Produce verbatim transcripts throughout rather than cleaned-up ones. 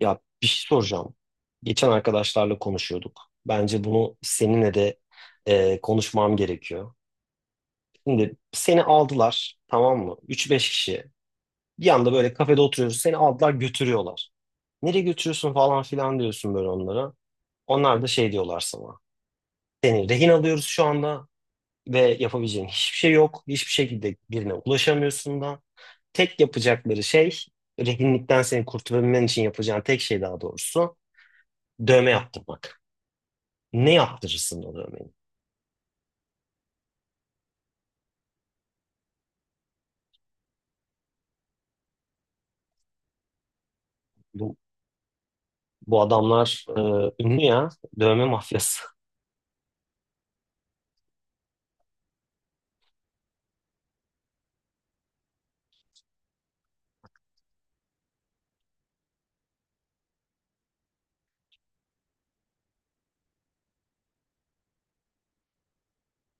Ya bir şey soracağım. Geçen arkadaşlarla konuşuyorduk. Bence bunu seninle de e, konuşmam gerekiyor. Şimdi seni aldılar tamam mı? Üç beş kişi. Bir anda böyle kafede oturuyorsun. Seni aldılar götürüyorlar. Nereye götürüyorsun falan filan diyorsun böyle onlara. Onlar da şey diyorlar sana. Seni rehin alıyoruz şu anda ve yapabileceğin hiçbir şey yok. Hiçbir şekilde birine ulaşamıyorsun da. Tek yapacakları şey rehinlikten seni kurtulabilmen için yapacağın tek şey daha doğrusu dövme yaptırmak. Ne yaptırırsın o dövmeyi? Bu, bu adamlar e, ünlü ya. Dövme mafyası.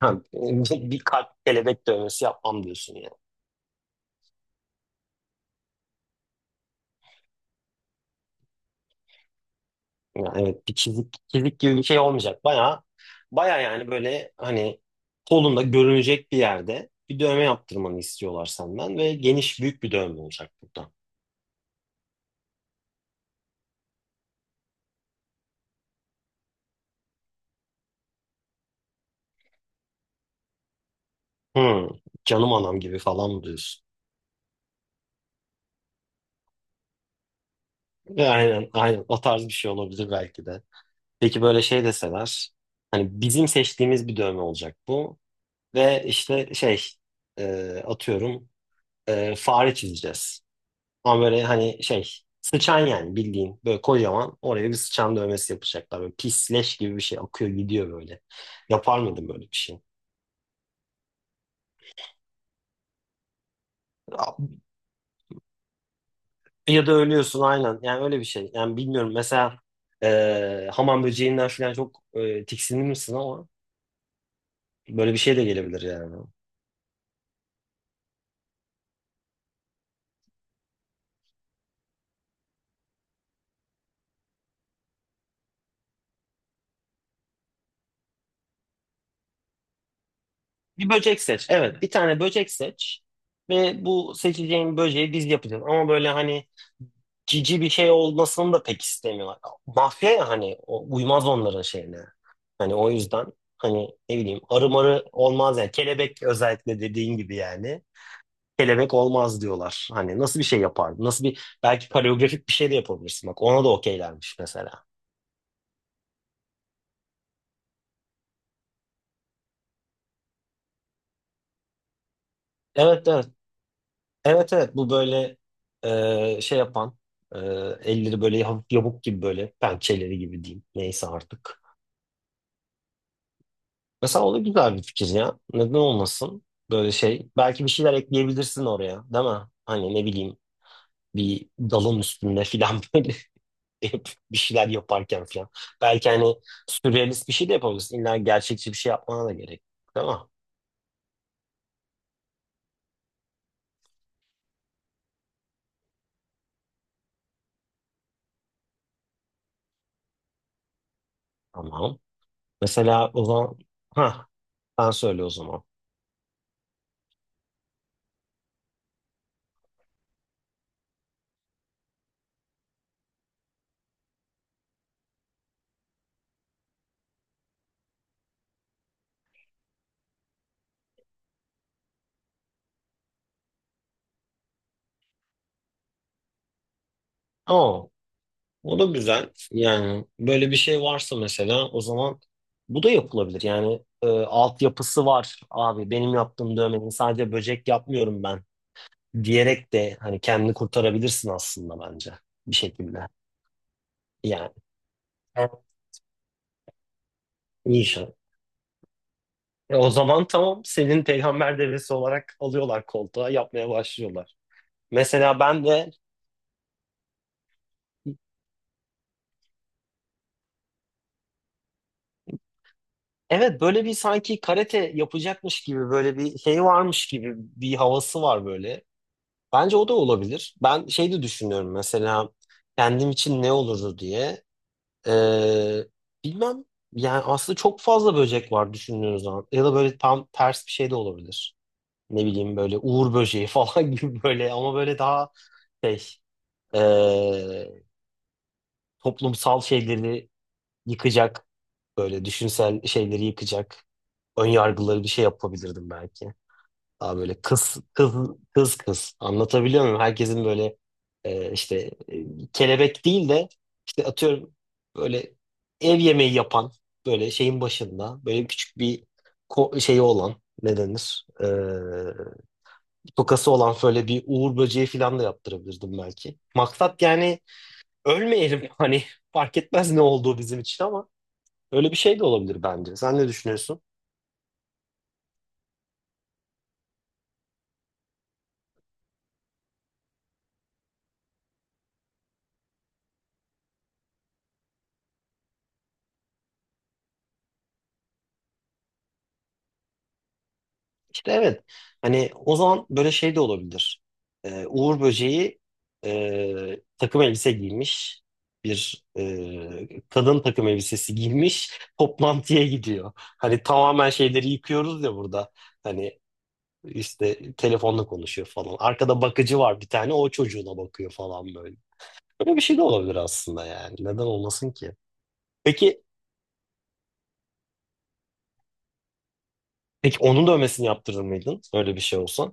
Ha, bir, bir kalp kelebek dövmesi yapmam diyorsun yani. Yani evet bir çizik, çizik gibi bir şey olmayacak. Baya baya yani böyle hani kolunda görünecek bir yerde bir dövme yaptırmanı istiyorlar senden ve geniş büyük bir dövme olacak burada. Hmm, Canım anam gibi falan mı diyorsun? E, Aynen aynen, o tarz bir şey olabilir belki de. Peki böyle şey deseler hani bizim seçtiğimiz bir dövme olacak bu. Ve işte şey e, atıyorum e, fare çizeceğiz. Ama böyle hani şey sıçan yani bildiğin böyle kocaman oraya bir sıçan dövmesi yapacaklar. Böyle pis leş gibi bir şey akıyor gidiyor böyle. Yapar mıydım böyle bir şey? Ya da ölüyorsun aynen yani, öyle bir şey. Yani bilmiyorum, mesela e, hamam böceğinden falan çok e, tiksinir misin ama böyle bir şey de gelebilir yani. Bir böcek seç. Evet, bir tane böcek seç ve bu seçeceğin böceği biz yapacağız. Ama böyle hani cici bir şey olmasını da pek istemiyorlar. Mafya ya, hani o, uymaz onların şeyine. Hani o yüzden hani ne bileyim arı marı olmaz yani. Kelebek özellikle dediğin gibi yani. Kelebek olmaz diyorlar. Hani nasıl bir şey yapardın? Nasıl bir, belki koreografik bir şey de yapabilirsin. Bak ona da okeylermiş mesela. Evet evet. Evet evet, bu böyle e, şey yapan, e, elleri böyle hafif yamuk gibi, böyle pençeleri gibi diyeyim, neyse artık. Mesela o da güzel bir fikir ya. Neden olmasın böyle şey. Belki bir şeyler ekleyebilirsin oraya, değil mi? Hani ne bileyim, bir dalın üstünde filan böyle hep bir şeyler yaparken filan. Belki hani sürrealist bir şey de yapabilirsin. İlla gerçekçi bir şey yapmana da gerek yok, değil mi? Tamam. Mesela o zaman ha, ben söyle o zaman. Oo. O da güzel. Yani böyle bir şey varsa mesela o zaman bu da yapılabilir. Yani e, altyapısı var abi benim yaptığım dövmenin, sadece böcek yapmıyorum ben diyerek de hani kendini kurtarabilirsin aslında bence bir şekilde. Yani inşallah. E, o zaman tamam, senin peygamber devesi olarak alıyorlar, koltuğa yapmaya başlıyorlar. Mesela ben de evet, böyle bir sanki karate yapacakmış gibi, böyle bir şey varmış gibi bir havası var böyle. Bence o da olabilir. Ben şey de düşünüyorum mesela, kendim için ne olurdu diye. Ee, Bilmem, yani aslında çok fazla böcek var düşündüğünüz zaman. Ya da böyle tam ters bir şey de olabilir. Ne bileyim böyle uğur böceği falan gibi, böyle ama böyle daha şey, ee, toplumsal şeyleri yıkacak, böyle düşünsel şeyleri yıkacak, ön yargıları, bir şey yapabilirdim belki. Daha böyle kız kız, kız kız, anlatabiliyor muyum? Herkesin böyle e, işte e, kelebek değil de, işte atıyorum böyle ev yemeği yapan, böyle şeyin başında böyle küçük bir ko- şeyi olan, ne denir? E, tokası olan şöyle bir uğur böceği falan da yaptırabilirdim belki. Maksat yani ölmeyelim hani, fark etmez ne olduğu bizim için, ama öyle bir şey de olabilir bence. Sen ne düşünüyorsun? İşte evet. Hani o zaman böyle şey de olabilir. Ee, Uğur Böceği e, takım elbise giymiş. Bir e, kadın takım elbisesi giymiş. Toplantıya gidiyor. Hani tamamen şeyleri yıkıyoruz ya burada. Hani işte telefonla konuşuyor falan. Arkada bakıcı var bir tane. O çocuğuna bakıyor falan böyle. Böyle bir şey de olabilir aslında yani. Neden olmasın ki? Peki, peki onun dövmesini yaptırır mıydın? Öyle bir şey olsa.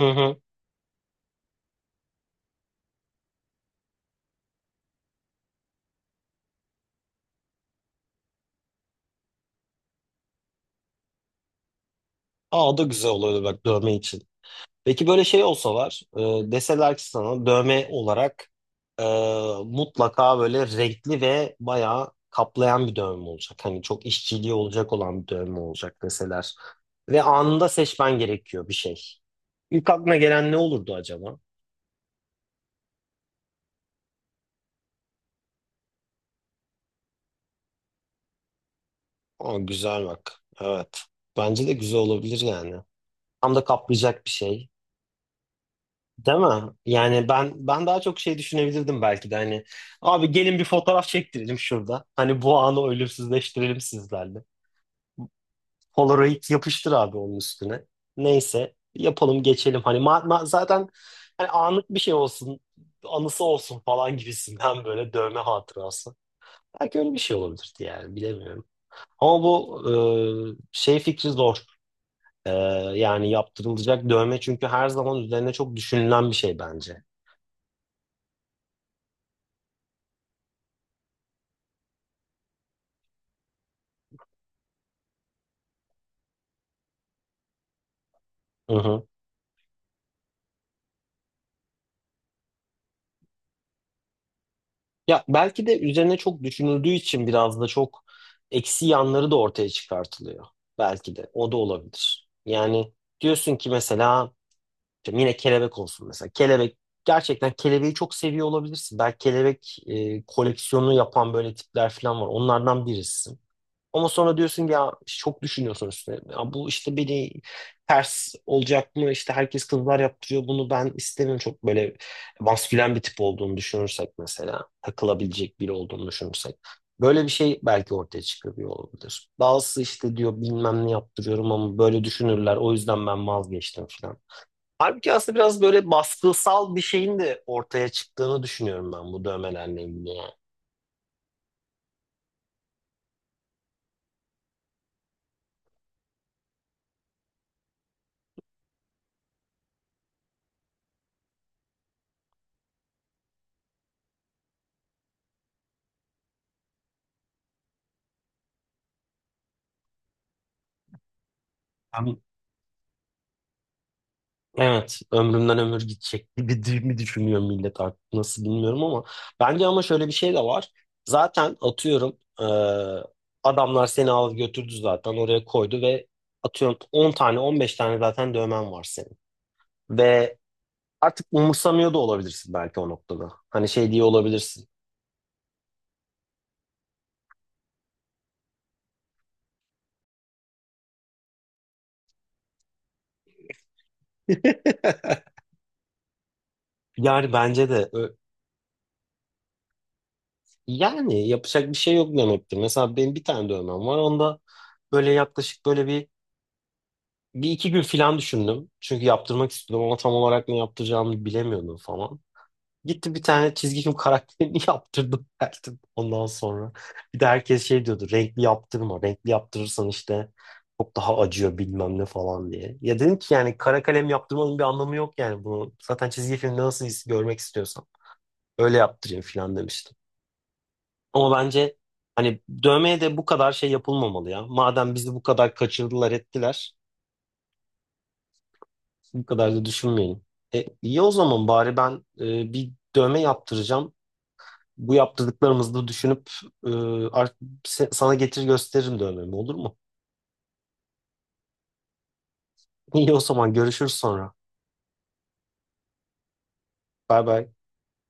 Hı hı. Aa, o da güzel olurdu bak, dövme için. Peki böyle şey olsa var, e, deseler ki sana dövme olarak e, mutlaka böyle renkli ve bayağı kaplayan bir dövme olacak. Hani çok işçiliği olacak olan bir dövme olacak deseler. Ve anında seçmen gerekiyor bir şey. İlk aklına gelen ne olurdu acaba? Aa, güzel bak. Evet. Bence de güzel olabilir yani. Tam da kaplayacak bir şey. Değil mi? Yani ben ben daha çok şey düşünebilirdim belki de hani, abi gelin bir fotoğraf çektirelim şurada. Hani bu anı ölümsüzleştirelim sizlerle. Polaroid yapıştır abi onun üstüne. Neyse yapalım geçelim. Hani ma- ma- zaten hani anlık bir şey olsun, anısı olsun falan gibisinden, böyle dövme hatırası. Belki öyle bir şey olabilirdi yani, bilemiyorum. Ama bu e, şey fikri zor. E, Yani yaptırılacak dövme çünkü her zaman üzerine çok düşünülen bir şey bence. Hı hı. Ya belki de üzerine çok düşünüldüğü için biraz da çok eksi yanları da ortaya çıkartılıyor. Belki de o da olabilir. Yani diyorsun ki mesela, işte yine kelebek olsun mesela. Kelebek, gerçekten kelebeği çok seviyor olabilirsin. Belki kelebek e, koleksiyonu yapan böyle tipler falan var. Onlardan birisin. Ama sonra diyorsun ki, ya işte çok düşünüyorsun üstüne. Ya bu işte beni ters olacak mı? İşte herkes kızlar yaptırıyor bunu, ben istemiyorum. Çok böyle maskülen bir tip olduğunu düşünürsek mesela. Takılabilecek biri olduğunu düşünürsek. Böyle bir şey belki ortaya çıkıyor olabilir. Bazısı işte diyor bilmem ne yaptırıyorum ama böyle düşünürler. O yüzden ben vazgeçtim falan. Halbuki aslında biraz böyle baskısal bir şeyin de ortaya çıktığını düşünüyorum ben bu dövmelerle ilgili. Yani. Evet, ömrümden ömür gidecek gibi mi düşünüyor millet artık, nasıl bilmiyorum, ama bence ama şöyle bir şey de var. Zaten atıyorum, eee, adamlar seni alıp götürdü, zaten oraya koydu ve atıyorum on tane on beş tane zaten dövmen var senin. Ve artık umursamıyor da olabilirsin belki o noktada. Hani şey diye olabilirsin. Yani bence de ö- yani yapacak bir şey yok demektir. Mesela benim bir tane dövmem var. Onda böyle yaklaşık böyle bir iki gün filan düşündüm. Çünkü yaptırmak istiyordum ama tam olarak ne yaptıracağımı bilemiyordum falan. Gitti bir tane çizgi film karakterini yaptırdım geldim ondan sonra. Bir de herkes şey diyordu, renkli yaptırma. Renkli yaptırırsan işte çok daha acıyor bilmem ne falan diye. Ya dedim ki yani, kara kalem yaptırmanın bir anlamı yok yani bunu. Zaten çizgi filmde nasıl his- görmek istiyorsan öyle yaptırayım filan demiştim. Ama bence hani dövmeye de bu kadar şey yapılmamalı ya. Madem bizi bu kadar kaçırdılar ettiler. Bu kadar da düşünmeyelim. E, iyi o zaman bari ben e, bir dövme yaptıracağım. Bu yaptırdıklarımızı da düşünüp e, art- se- sana getir gösteririm dövmemi, olur mu? İyi o zaman görüşürüz sonra. Bay bay.